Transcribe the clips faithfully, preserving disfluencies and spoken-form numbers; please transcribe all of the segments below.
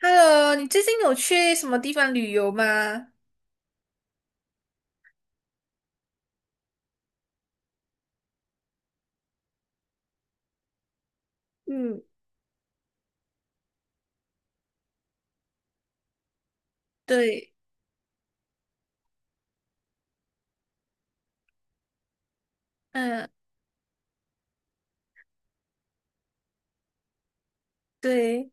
Hello，你最近有去什么地方旅游吗？嗯对，嗯，对，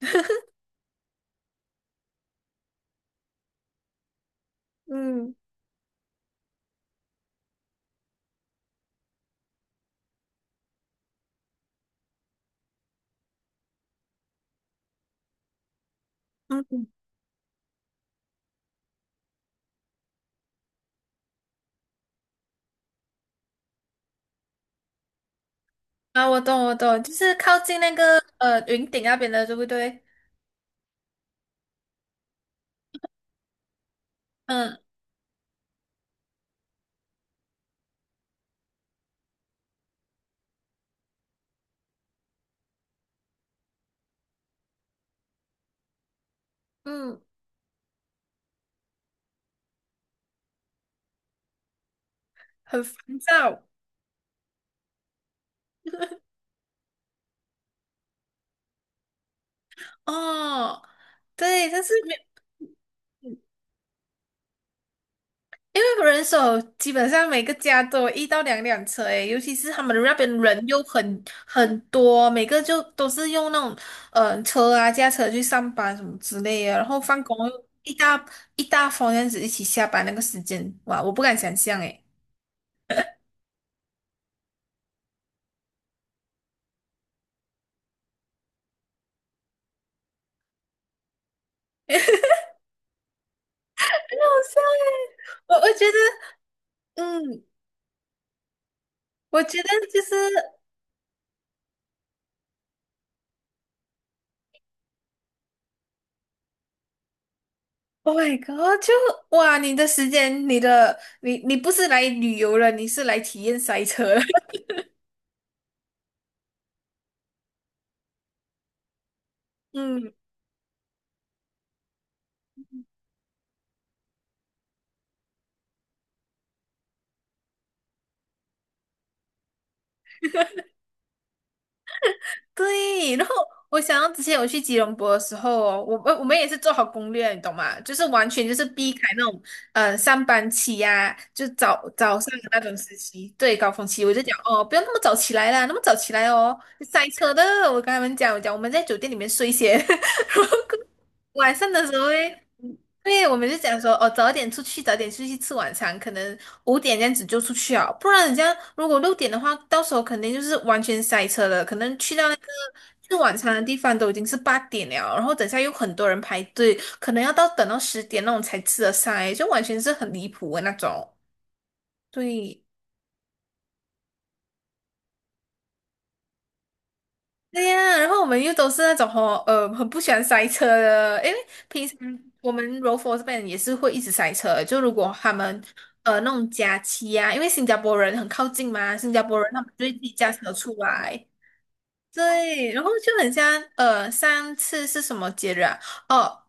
嗯，嗯，啊，我懂，我懂，就是靠近那个呃云顶那边的，对不对？嗯，嗯，很烦躁。哦，对，但是没。嗯因为人手基本上每个家都有一到两辆车诶，尤其是他们那边人又很很多，每个就都是用那种嗯车啊、驾车去上班什么之类的，然后放工又一大一大方样子一起下班那个时间，哇，我不敢想象诶。很好笑诶我我觉得，嗯，我觉得就是，Oh my God，就哇，你的时间，你的你你不是来旅游了，你是来体验塞车了 嗯。对，然后我想到之前我去吉隆坡的时候哦，我们我们也是做好攻略，你懂吗？就是完全就是避开那种呃上班期呀、就早早上的那种时期，对，高峰期，我就讲哦，不要那么早起来啦，那么早起来哦，塞车的。我跟他们讲，我讲我们在酒店里面睡先。晚上的时候诶，对，我们就讲说，哦，早点出去，早点出去吃晚餐，可能五点这样子就出去啊，不然你这样如果六点的话，到时候肯定就是完全塞车了，可能去到那个吃晚餐的地方都已经是八点了，然后等下又很多人排队，可能要到等到十点那种才吃得上诶，就完全是很离谱的那种。对，对呀，然后我们又都是那种吼，呃，很不喜欢塞车的，因为平时我们柔佛这边也是会一直塞车。就如果他们呃那种假期啊，因为新加坡人很靠近嘛，新加坡人他们就会自己驾车出来，对，然后就很像呃上次是什么节日啊？哦，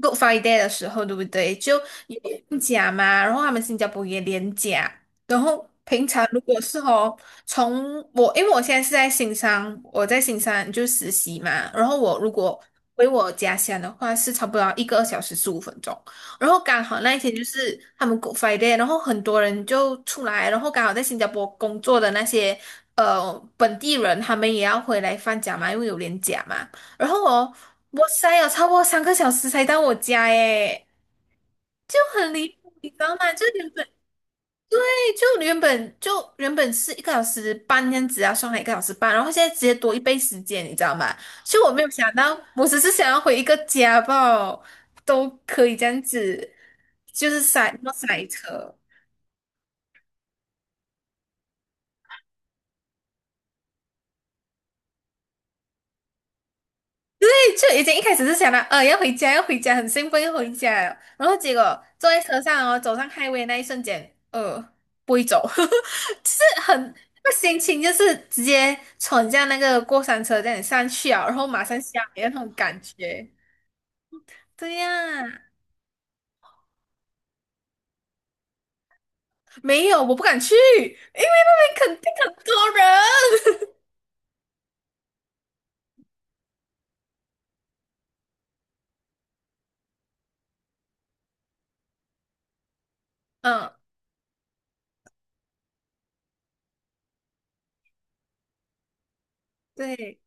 Good Friday 的时候，对不对？就有放假嘛，然后他们新加坡也连假，然后平常如果是哦，从我因为我现在是在新山，我在新山就实习嘛，然后我如果回我家乡的话，是差不多要一个小时十五分钟，然后刚好那一天就是他们 Good Friday，然后很多人就出来，然后刚好在新加坡工作的那些呃本地人，他们也要回来放假嘛，因为有连假嘛。然后哦，我塞有超过三个小时才到我家耶，就很离谱，你知道吗？就原本对，就原本就原本是一个小时半这样子啊，上海一个小时半，然后现在直接多一倍时间，你知道吗？就我没有想到，我只是想要回一个家吧，都可以这样子，就是塞那么塞车。就已经一开始是想到，呃，要回家，要回家，很兴奋要回家了然后结果坐在车上哦，走上 highway 那一瞬间，呃，不会走，就是很那个心情就是直接闯下那个过山车这样上去啊，然后马上下来的那种感觉。对呀，没有，我不敢去，因为那边肯定很多人。嗯，对，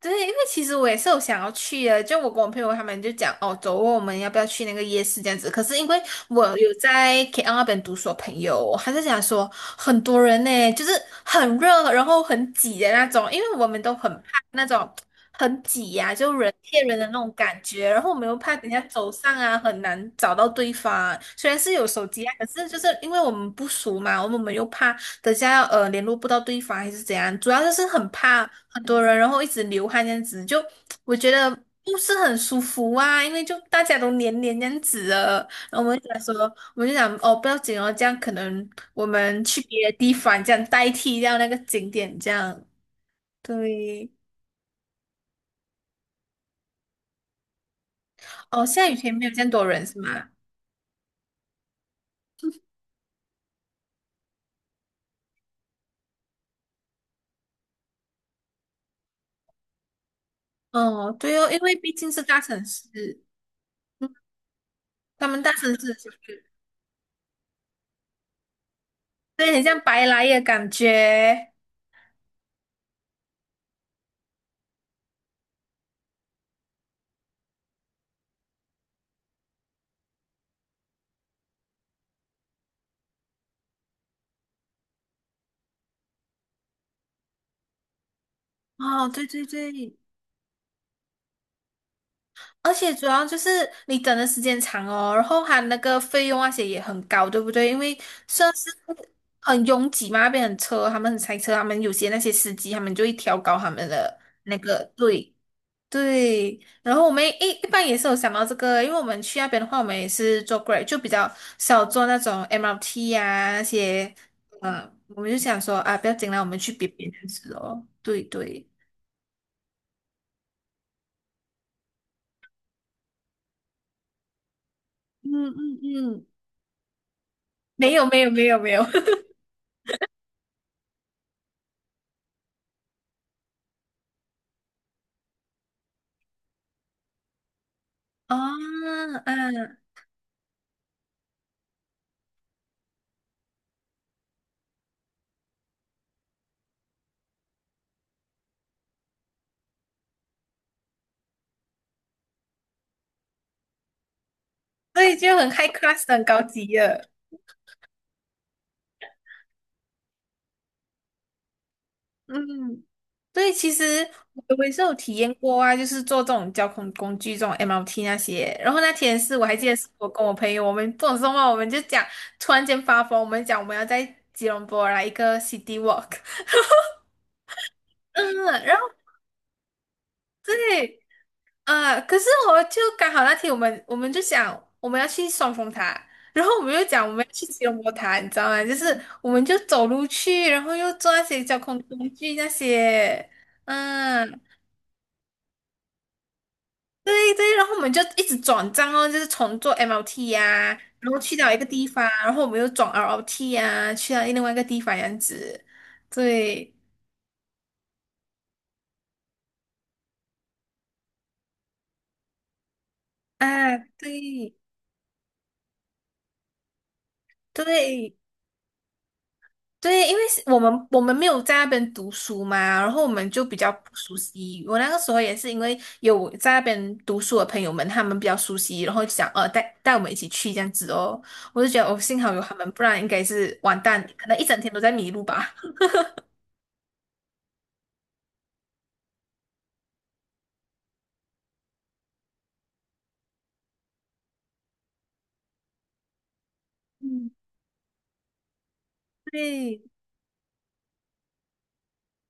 对，因为其实我也是有想要去的，就我跟我朋友他们就讲哦，走哦我们要不要去那个夜市这样子？可是因为我有在 K L 那边读书的朋友哦，还就讲说很多人呢，就是很热，然后很挤的那种，因为我们都很怕那种很挤呀、就人贴人的那种感觉，然后我们又怕等一下走散啊，很难找到对方啊。虽然是有手机啊，可是就是因为我们不熟嘛，我们又怕等下呃联络不到对方还是怎样，主要就是很怕很多人，然后一直流汗这样子，就我觉得不是很舒服啊，因为就大家都黏黏这样子的，然后我们就想说，我们就想哦不要紧哦，这样可能我们去别的地方这样代替掉那个景点这样，对，哦下雨天没有这样多人是吗？哦对哦，因为毕竟是大城市，嗯他们大城市就是对，很像白来的感觉。哦，对对对，而且主要就是你等的时间长哦，然后它那个费用那些也很高，对不对？因为算是很拥挤嘛，那边很车，他们很塞车，他们有些那些司机他们就会调高他们的那个对对。然后我们一一般也是有想到这个，因为我们去那边的话，我们也是坐 Grab，就比较少坐那种 M R T 呀那些，嗯、我们就想说啊，不要紧啦，我们去别别边吃哦。对对，嗯嗯嗯，没有没有没有没有。哦，嗯，对，就很 high class 的很高级了。嗯，对，其实我我也是有体验过啊，就是坐这种交通工具，这种 M R T 那些。然后那天是我还记得，是我跟我朋友，我们不懂什么，我们就讲，突然间发疯，我们讲我们要在吉隆坡来一个 city walk。嗯，然后对，啊，可是我就刚好那天我们我们就想我们要去双峰塔，然后我们又讲我们要去吉隆坡塔，你知道吗？就是我们就走路去，然后又坐那些交通工具那些，嗯，对对，然后我们就一直转站哦，就是从坐 M R T 呀、然后去到一个地方，然后我们又转 l O t 呀、去到另外一个地方这样子，对啊，对对。对，因为是我们我们没有在那边读书嘛，然后我们就比较不熟悉。我那个时候也是因为有在那边读书的朋友们，他们比较熟悉，然后就想呃带带我们一起去这样子哦。我就觉得哦，幸好有他们，不然应该是完蛋，可能一整天都在迷路吧。嗯，对。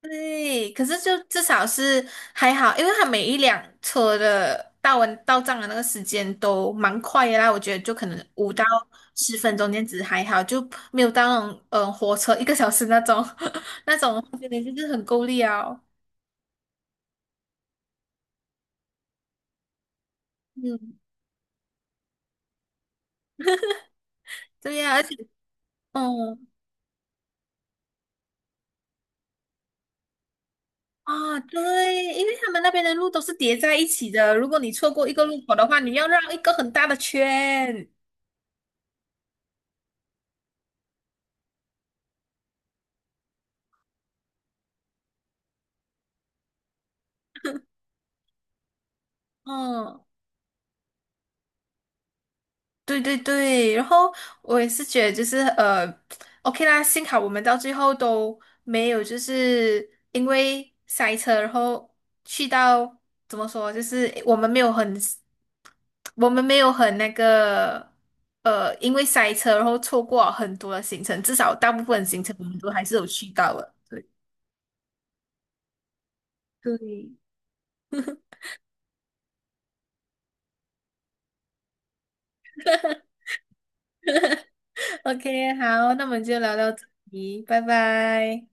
对，可是就至少是还好，因为它每一辆车的到完到账的那个时间都蛮快的啦，我觉得就可能五到十分钟这样子还好，就没有到那种嗯、呃火车一个小时那种 那种，我觉得就是很够力哦。嗯，对呀、而且嗯啊、对，因为他们那边的路都是叠在一起的，如果你错过一个路口的话，你要绕一个很大的圈。嗯对对对，然后我也是觉得就是呃，OK 啦，幸好我们到最后都没有就是因为塞车，然后去到怎么说，就是我们没有很，我们没有很那个呃，因为塞车然后错过很多的行程，至少大部分行程我们都还是有去到的。对对。OK，好，那我们就聊到这里，拜拜。